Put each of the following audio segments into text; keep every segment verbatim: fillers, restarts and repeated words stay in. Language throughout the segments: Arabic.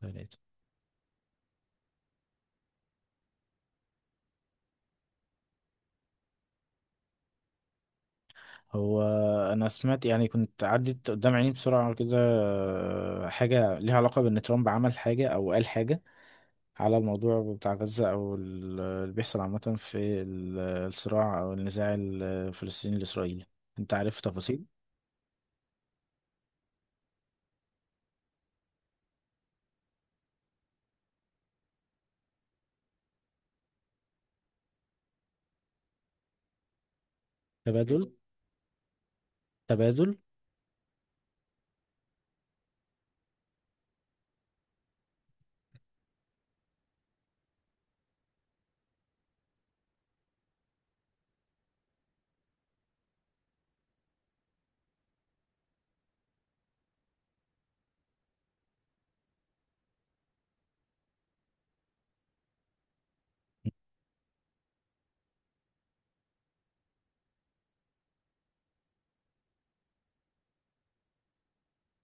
ثلاثة. هو أنا سمعت يعني كنت عدت قدام عيني بسرعة كده، آه، حاجة ليها علاقة بإن ترامب عمل حاجة أو قال حاجة على الموضوع بتاع غزة، أو ال- اللي بيحصل عامة في ال- الصراع أو النزاع الفلسطيني الإسرائيلي. أنت عارف تفاصيل؟ تبادل. تبادل.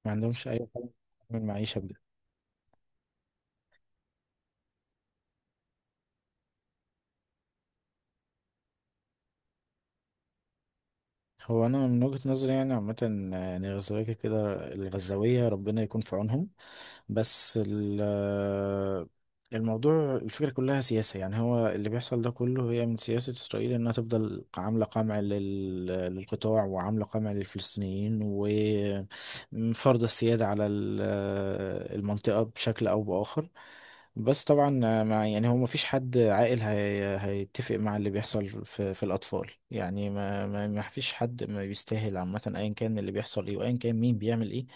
ما عندهمش أي حاجة من المعيشة. هو انا من وجهة نظري يعني عامه، يعني الغزاويه كده كده- الغزاويه ربنا يكون في عونهم. بس ال- الموضوع، الفكره كلها سياسه، يعني هو اللي بيحصل ده كله هي من سياسه اسرائيل، انها تفضل عامله قمع لل- للقطاع، وعامله قمع للفلسطينيين، وفرض السياده على ال- المنطقه بشكل او باخر. بس طبعا مع، يعني هو مفيش حد عاقل هي هيتفق مع اللي بيحصل في, في الأطفال يعني. ما ما فيش حد ما بيستاهل عامة، أيا كان اللي بيحصل إيه وأيا كان مين بيعمل إيه.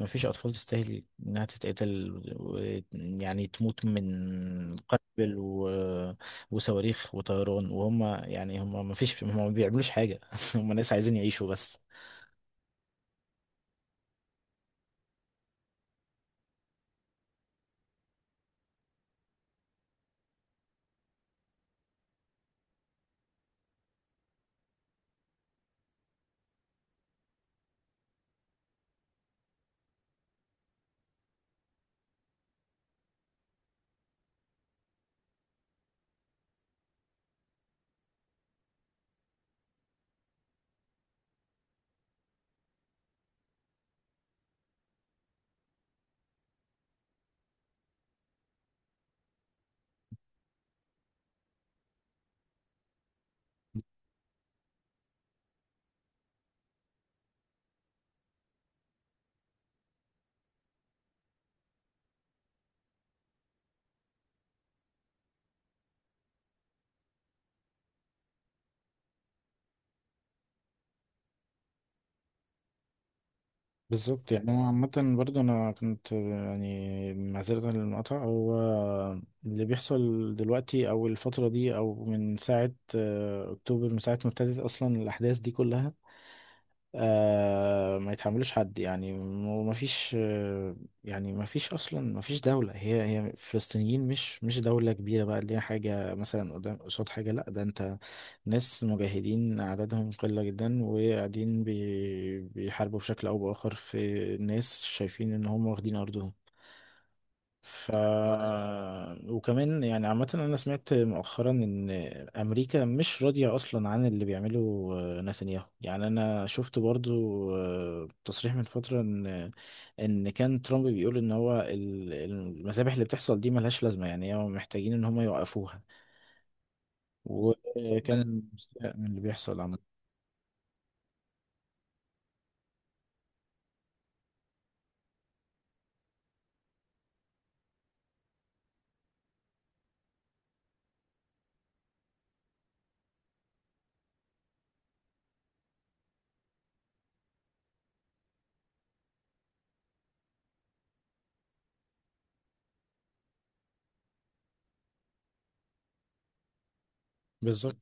ما فيش أطفال تستاهل إنها تتقتل و- يعني تموت من قنبل و... وصواريخ وطيران. وهم يعني هم ما فيش، هم ما بيعملوش حاجة. هم ناس عايزين يعيشوا بس. بالظبط يعني. انا عامه برضو انا كنت، يعني معذره للمقاطعه، هو اللي بيحصل دلوقتي، او الفتره دي، او من ساعه آه، اكتوبر، من ساعه ما ابتدت اصلا الاحداث دي كلها، آه ما يتحملوش حد، يعني وما فيش آه يعني، ما فيش اصلا، ما فيش دولة، هي هي فلسطينيين مش مش دولة كبيرة بقى اللي هي حاجة مثلا قدام قصاد حاجة. لا، ده انت ناس مجاهدين عددهم قلة جدا، وقاعدين بي بيحاربوا بشكل او باخر في ناس شايفين ان هم واخدين ارضهم. ف، وكمان يعني عامة أنا سمعت مؤخرا إن أمريكا مش راضية أصلا عن اللي بيعمله آه، نتنياهو. يعني أنا شفت برضو آه، تصريح من فترة إن، إن كان ترامب بيقول إن هو ال- المذابح اللي بتحصل دي ملهاش لازمة، يعني هم محتاجين إن هم يوقفوها. وكان مستاء من اللي بيحصل عامة. بالظبط.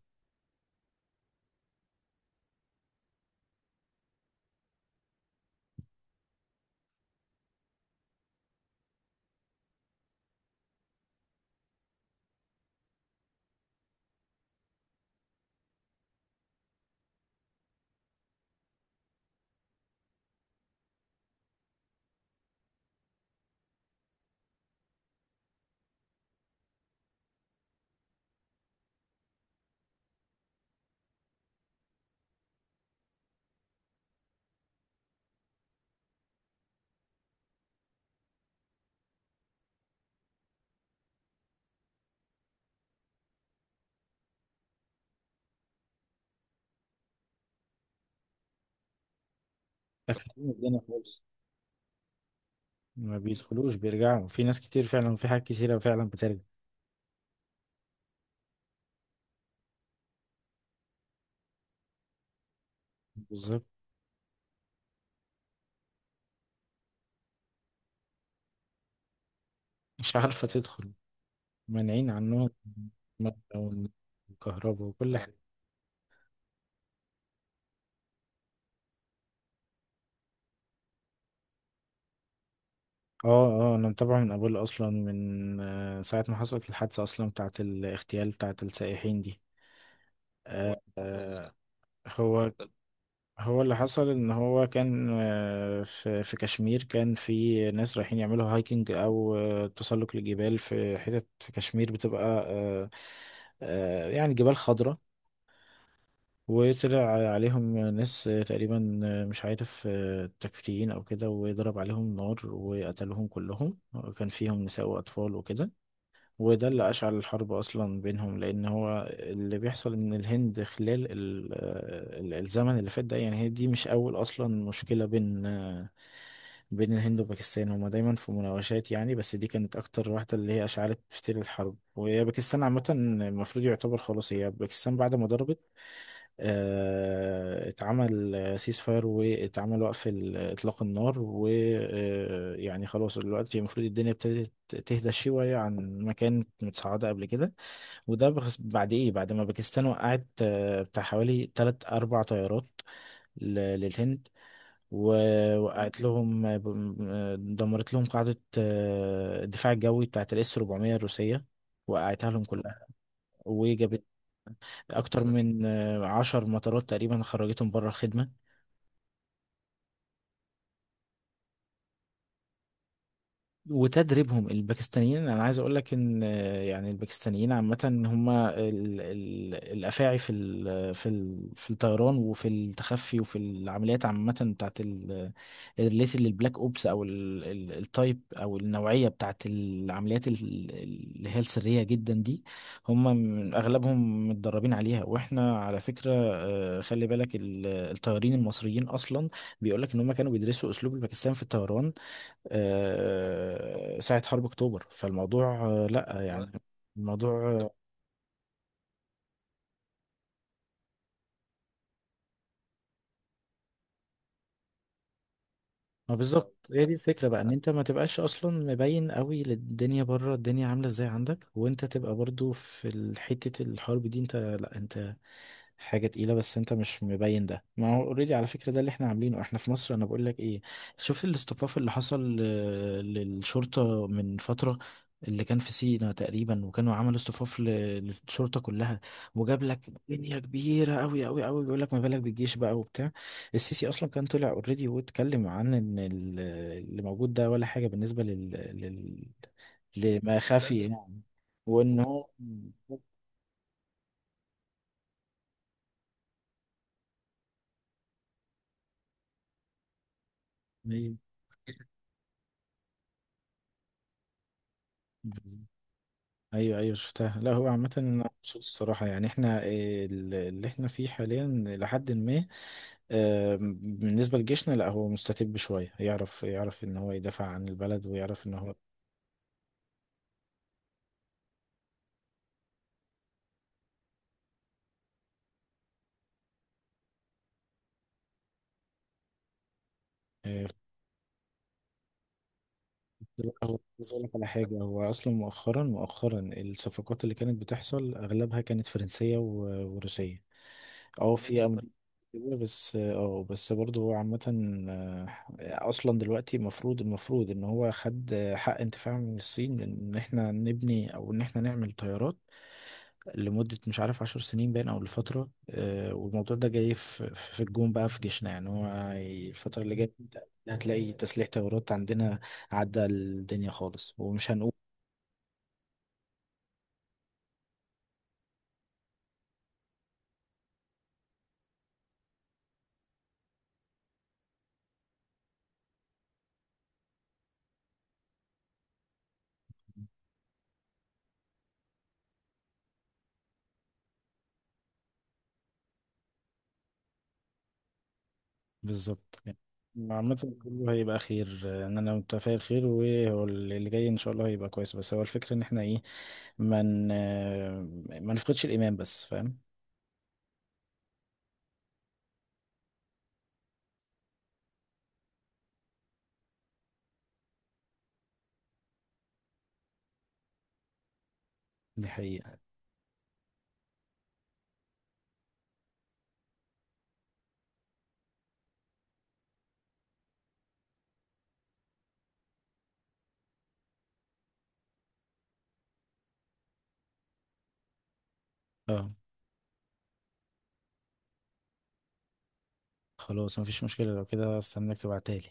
قافلين الدنيا خالص، ما بيدخلوش، بيرجعوا. في ناس كتير فعلا وفي حاجات كتيرة فعلا بترجع. بالظبط، مش عارفة تدخل، مانعين عنهم المادة والكهرباء وكل حاجة. اه. اه انا متابعه من قبل، اصلا من آه، ساعة ما حصلت الحادثة اصلا بتاعة الاغتيال بتاعة السائحين دي. آه، هو، هو اللي حصل ان هو كان آه، في في كشمير، كان في ناس رايحين يعملوا هايكنج او آه، تسلق للجبال في حتت في كشمير بتبقى آه، آه، يعني جبال خضراء. وطلع عليهم ناس تقريبا مش عارف تكفيريين او كده، وضرب عليهم نار وقتلهم كلهم. كان فيهم نساء واطفال وكده. وده اللي اشعل الحرب اصلا بينهم، لان هو اللي بيحصل ان الهند خلال ال- آه، ال- الزمن اللي فات ده، يعني هي دي مش اول اصلا مشكلة بين بين الهند وباكستان. هما دايما في مناوشات يعني، بس دي كانت اكتر واحدة اللي هي اشعلت فتيل الحرب. وهي باكستان عامة، المفروض يعتبر خلاص، هي باكستان بعد ما ضربت آه، اتعمل سيس فاير، واتعمل وقف ال- اطلاق النار، ويعني خلاص دلوقتي المفروض الدنيا ابتدت تهدى شوية عن ما كانت متصاعدة قبل كده. وده بخس- بعد ايه، بعد ما باكستان وقعت آه، بتاع حوالي تلات أربع طيارات ل- للهند. ووقعت لهم آه، ب- آه، دمرت لهم قاعدة آه، الدفاع الجوي بتاعت الاس اربعمية الروسية، وقعتها لهم كلها. وجابت أكتر من آه، عشر مطارات تقريبا خرجتهم بره الخدمة. وتدريبهم، الباكستانيين انا عايز اقول لك ان آه، يعني الباكستانيين عامه هم ال- ال- الافاعي في ال- في ال- في الطيران وفي التخفي وفي العمليات عامه بتاعت ال- الريليتد للبلاك اوبس، او ال- ال- التايب او النوعيه بتاعت العمليات ال- اللي هي السريه جدا دي. هم من- اغلبهم متدربين عليها. واحنا على فكره آه، خلي بالك ال- الطيارين المصريين اصلا بيقول لك ان هم كانوا بيدرسوا اسلوب الباكستان في الطيران آه، ساعة حرب أكتوبر. فالموضوع آه، لأ يعني، الموضوع آه، ما بالظبط هي دي الفكرة بقى، ان انت ما تبقاش اصلا مبين قوي للدنيا بره، الدنيا عاملة ازاي عندك، وانت تبقى برضو في ال- حتة الحرب دي انت. لا انت حاجة تقيلة، بس انت مش مبين. ده ما هو اوريدي على فكرة ده اللي احنا عاملينه احنا في مصر. انا بقول لك ايه، شفت الاصطفاف اللي حصل آه، للشرطة من فترة، اللي كان في سينا تقريبا؟ وكانوا عملوا اصطفاف ل- للشرطة كلها، وجاب لك دنيا كبيرة قوي قوي قوي. بيقول لك ما بالك بالجيش بقى وبتاع. السيسي اصلا كان طلع اوريدي واتكلم عن ان ال- اللي موجود ده ولا حاجه بالنسبه لل, لل... لما خفي داتا يعني، وان هو ايوه ايوه أيوة، شفتها. لا هو عامه انا مبسوط الصراحه، يعني احنا إيه، ال- اللي احنا فيه حاليا لحد ما آه، بالنسبه لجيشنا. لا هو مستتب شويه، يعرف يعرف ان هو يدافع عن البلد، ويعرف ان هو آه، لا، هو عايز اقول لك على حاجه، هو اصلا مؤخرا مؤخرا الصفقات اللي كانت بتحصل اغلبها كانت فرنسيه و- وروسيه. اه في امريكا كده بس. اه بس برضه هو عامة آه، اصلا دلوقتي المفروض، المفروض ان هو خد آه، حق انتفاع من الصين ان احنا نبني، او ان احنا نعمل طيارات لمدة مش عارف عشر سنين باين او لفترة آه، والموضوع ده جاي في في الجون بقى في جيشنا. يعني هو الفترة اللي جاية هتلاقي تسليح طيارات عندنا عدى الدنيا خالص، ومش هنقول. بالظبط يعني. عامة كله هيبقى خير آه، ان انا متفائل خير، وهو اللي جاي ان شاء الله هيبقى كويس. بس هو الفكرة ان احنا ايه، من، ما نفقدش الايمان بس، فاهم؟ دي حقيقة. اه. خلاص مفيش مشكلة، لو كده استناك تبعتها لي.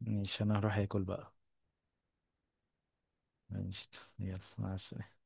مش انا هروح اكل بقى. ماشي. يلا مع السلامة.